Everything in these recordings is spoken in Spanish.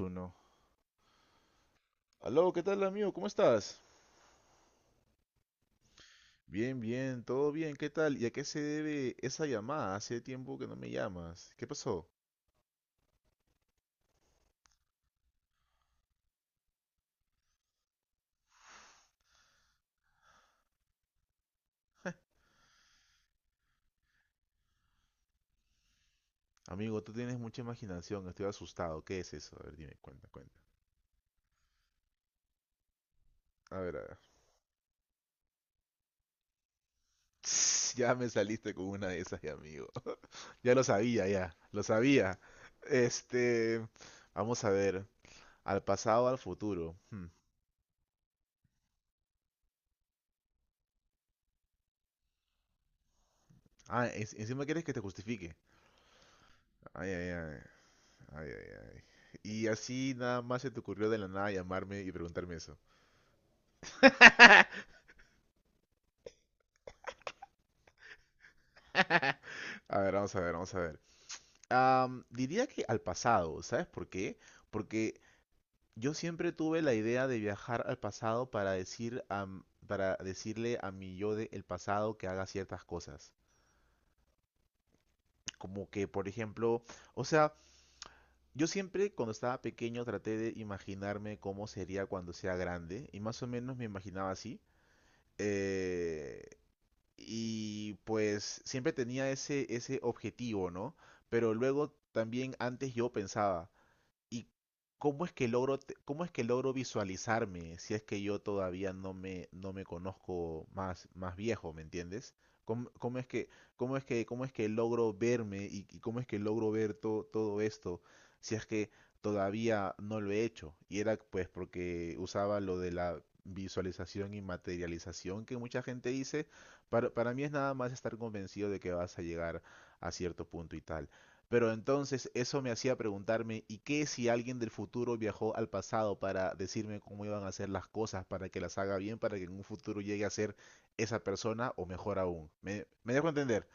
Uno. Aló, ¿qué tal amigo? ¿Cómo estás? Bien, bien, todo bien, ¿qué tal? ¿Y a qué se debe esa llamada? Hace tiempo que no me llamas. ¿Qué pasó? Amigo, tú tienes mucha imaginación, estoy asustado. ¿Qué es eso? A ver, dime, cuenta, cuenta. A ver, a ver. Ya me saliste con una de esas, ya, amigo. Ya lo sabía, ya, lo sabía. Este, vamos a ver, al pasado, al futuro. Hmm. Ah, encima quieres que te justifique. Ay, ay, ay. Ay, ay, ay. Y así nada más se te ocurrió de la nada llamarme y preguntarme eso. A ver, vamos a ver, vamos a ver. Diría que al pasado, ¿sabes por qué? Porque yo siempre tuve la idea de viajar al pasado para decirle a mi yo del pasado que haga ciertas cosas. Como que, por ejemplo, o sea, yo siempre cuando estaba pequeño traté de imaginarme cómo sería cuando sea grande y más o menos me imaginaba así. Eh, y pues siempre tenía ese objetivo, ¿no? Pero luego también antes yo pensaba, ¿y cómo es que logro visualizarme si es que yo todavía no me conozco más viejo? ¿Me entiendes? ¿Cómo es que, cómo es que, cómo es que logro verme y cómo es que logro ver todo esto si es que todavía no lo he hecho? Y era pues porque usaba lo de la visualización y materialización que mucha gente dice. Para mí es nada más estar convencido de que vas a llegar a cierto punto y tal. Pero entonces eso me hacía preguntarme, ¿y qué si alguien del futuro viajó al pasado para decirme cómo iban a hacer las cosas, para que las haga bien, para que en un futuro llegue a ser esa persona o mejor aún? Me dejo entender.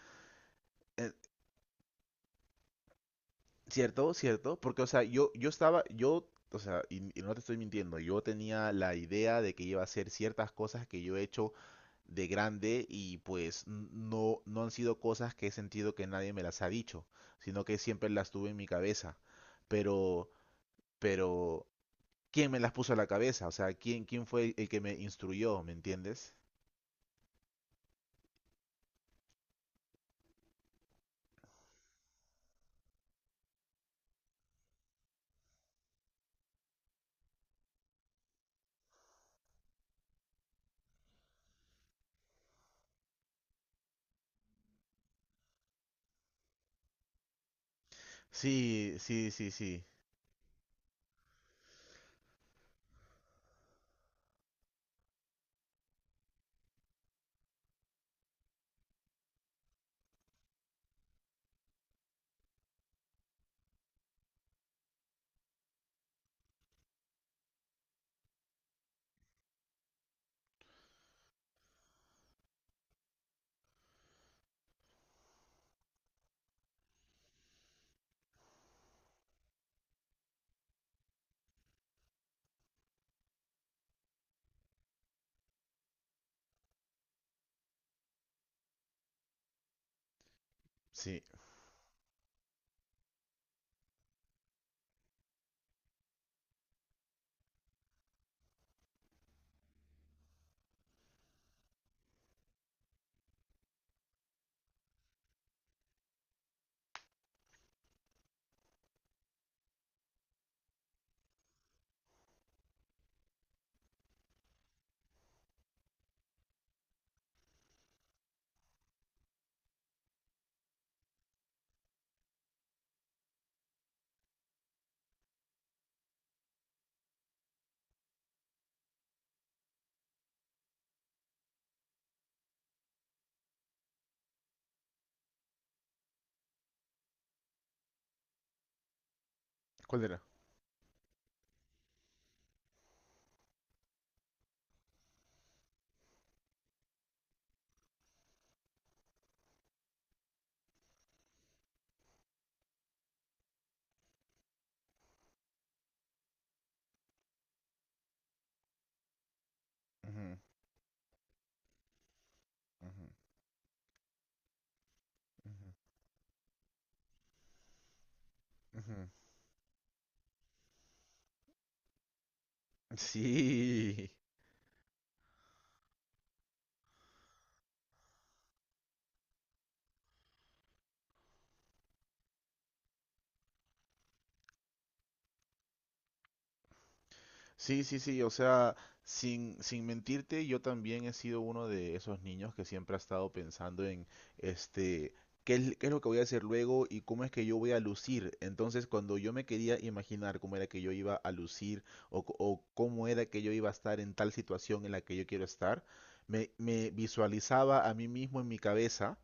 Eh, ¿Cierto? ¿Cierto? Porque, o sea, o sea, y no te estoy mintiendo, yo tenía la idea de que iba a hacer ciertas cosas que yo he hecho de grande y pues no han sido cosas que he sentido que nadie me las ha dicho, sino que siempre las tuve en mi cabeza. Pero pero ¿quién me las puso a la cabeza? O sea, ¿quién, quién fue el que me instruyó? ¿Me entiendes? Sí, sí, sí, sí, sí. ¿Cuál era? Ujú, ujú, ujú, ujú. Sí. Sí, sí, sí, o sea, sin mentirte, yo también he sido uno de esos niños que siempre ha estado pensando en, este, qué es lo que voy a hacer luego y cómo es que yo voy a lucir. Entonces, cuando yo me quería imaginar cómo era que yo iba a lucir o cómo era que yo iba a estar en tal situación en la que yo quiero estar, me visualizaba a mí mismo en mi cabeza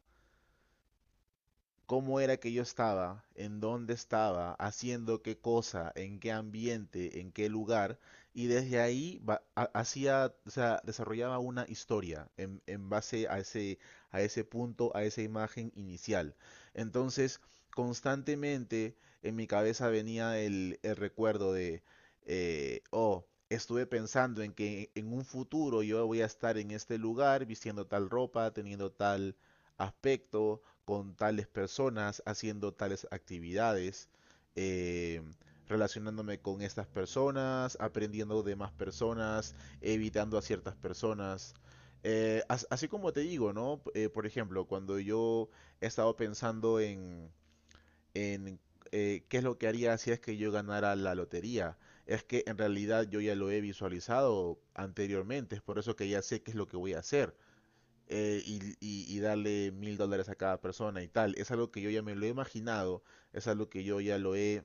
cómo era que yo estaba, en dónde estaba, haciendo qué cosa, en qué ambiente, en qué lugar, y desde ahí hacía, o sea, desarrollaba una historia en base a ese punto, a esa imagen inicial. Entonces, constantemente en mi cabeza venía el recuerdo de, oh, estuve pensando en que en un futuro yo voy a estar en este lugar vistiendo tal ropa, teniendo tal aspecto, con tales personas, haciendo tales actividades, eh, relacionándome con estas personas, aprendiendo de más personas, evitando a ciertas personas. Así como te digo, ¿no? Por ejemplo, cuando yo he estado pensando en qué es lo que haría si es que yo ganara la lotería, es que en realidad yo ya lo he visualizado anteriormente, es por eso que ya sé qué es lo que voy a hacer, y darle $1000 a cada persona y tal. Es algo que yo ya me lo he imaginado, es algo que yo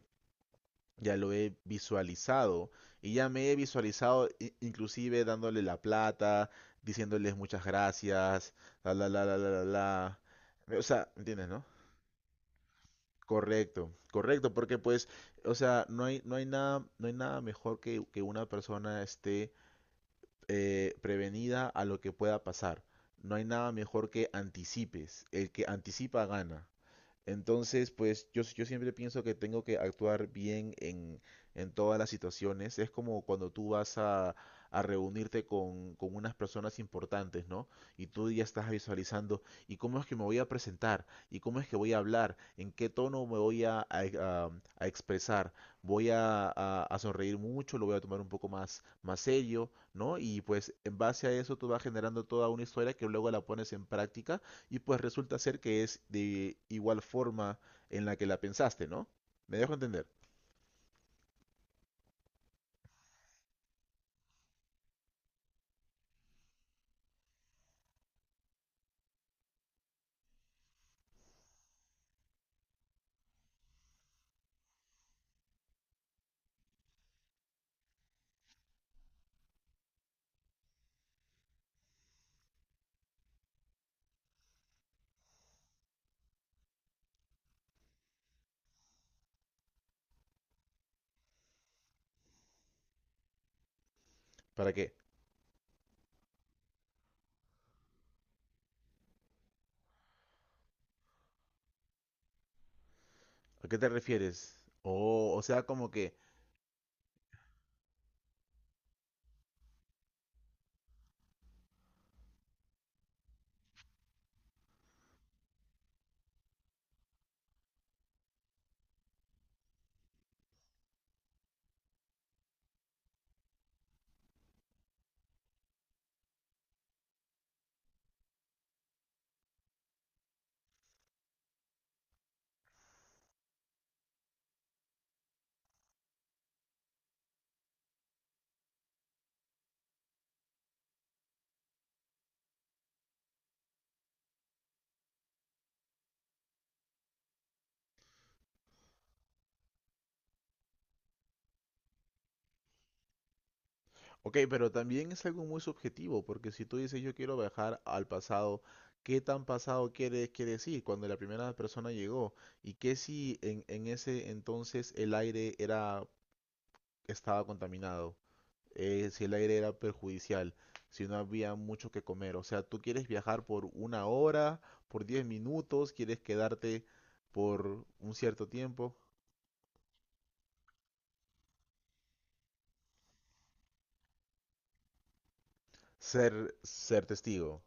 ya lo he visualizado y ya me he visualizado inclusive dándole la plata, diciéndoles muchas gracias, la la la la la la la. O sea, ¿entiendes, no? Correcto, correcto, porque pues, o sea, no hay nada mejor que una persona esté prevenida a lo que pueda pasar. No hay nada mejor que anticipes. El que anticipa gana. Entonces, pues yo siempre pienso que tengo que actuar bien en todas las situaciones. Es como cuando tú vas a reunirte con unas personas importantes, ¿no? Y tú ya estás visualizando, ¿y cómo es que me voy a presentar? ¿Y cómo es que voy a hablar? ¿En qué tono me voy a- a expresar? ¿Voy a sonreír mucho? ¿Lo voy a tomar un poco más serio, no? Y pues en base a eso tú vas generando toda una historia que luego la pones en práctica y pues resulta ser que es de igual forma en la que la pensaste, ¿no? Me dejo entender. ¿Para qué? ¿A qué te refieres? Oh, o sea, como que, ok, pero también es algo muy subjetivo, porque si tú dices yo quiero viajar al pasado, ¿qué tan pasado quiere decir cuando la primera persona llegó? ¿Y qué si en ese entonces el aire estaba contaminado? Eh, si el aire era perjudicial, si no había mucho que comer. O sea, tú quieres viajar por 1 hora, por 10 minutos, quieres quedarte por un cierto tiempo, ser, ser testigo.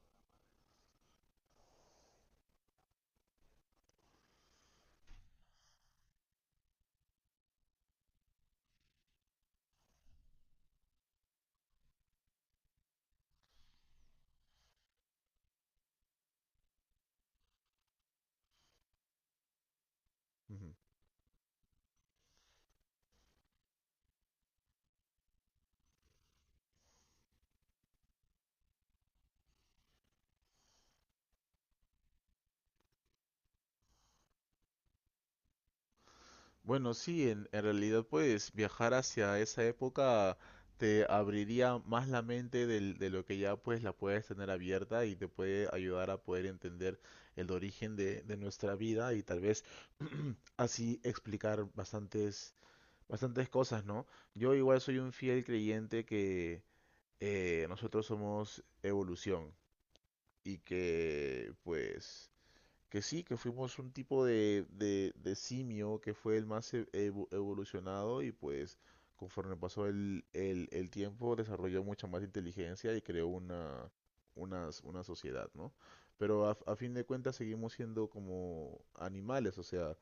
Ujú. Bueno, sí, en realidad pues viajar hacia esa época te abriría más la mente de lo que ya pues la puedes tener abierta y te puede ayudar a poder entender el origen de nuestra vida y tal vez así explicar bastantes bastantes cosas, ¿no? Yo igual soy un fiel creyente que nosotros somos evolución y que pues que sí, que fuimos un tipo de simio que fue el más evolucionado y pues conforme pasó el tiempo desarrolló mucha más inteligencia y creó una sociedad, ¿no? Pero a fin de cuentas seguimos siendo como animales, o sea,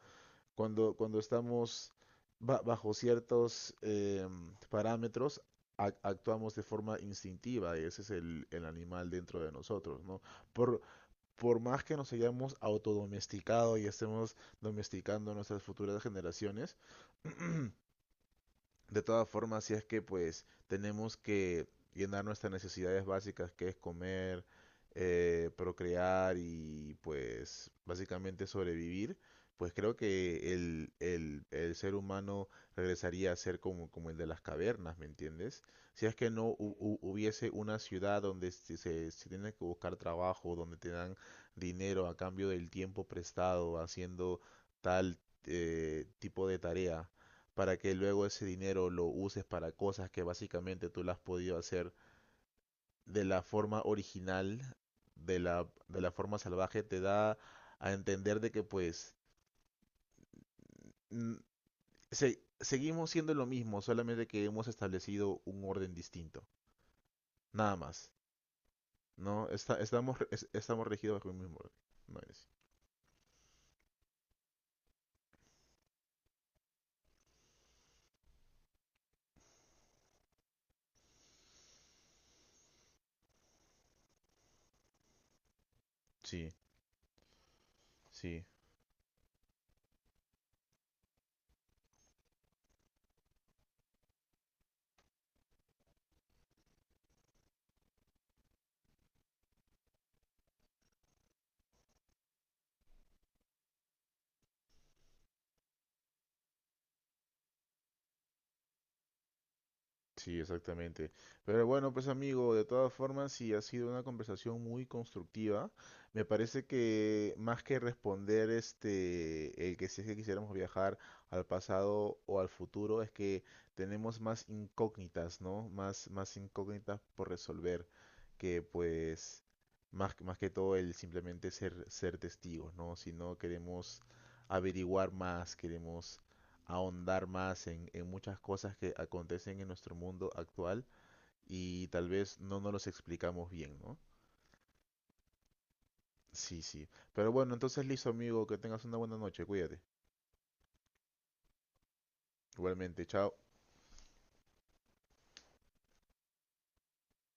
cuando estamos bajo ciertos parámetros, actuamos de forma instintiva, y ese es el animal dentro de nosotros, ¿no? Por, por más que nos hayamos autodomesticado y estemos domesticando a nuestras futuras generaciones, de todas formas, si es que pues tenemos que llenar nuestras necesidades básicas, que es comer, procrear y pues básicamente sobrevivir, pues creo que el ser humano regresaría a ser como, como el de las cavernas, ¿me entiendes? Si es que no hubiese una ciudad donde se tiene que buscar trabajo, donde te dan dinero a cambio del tiempo prestado haciendo tal tipo de tarea para que luego ese dinero lo uses para cosas que básicamente tú las has podido hacer de la forma original, de la forma salvaje, te da a entender de que pues mm, seguimos siendo lo mismo, solamente que hemos establecido un orden distinto, nada más, ¿no? Estamos, estamos regidos bajo el mismo orden. No es... Sí, sí. Sí, exactamente. Pero bueno, pues amigo, de todas formas, sí ha sido una conversación muy constructiva. Me parece que más que responder este, el que si es que quisiéramos viajar al pasado o al futuro, es que tenemos más incógnitas, ¿no? Más, más incógnitas por resolver que pues más, más que todo el simplemente ser, ser testigos, ¿no? Si no queremos averiguar más, queremos ahondar más en muchas cosas que acontecen en nuestro mundo actual y tal vez no nos los explicamos bien, ¿no? Sí, sí. Pero bueno, entonces listo, amigo, que tengas una buena noche, cuídate. Igualmente, chao.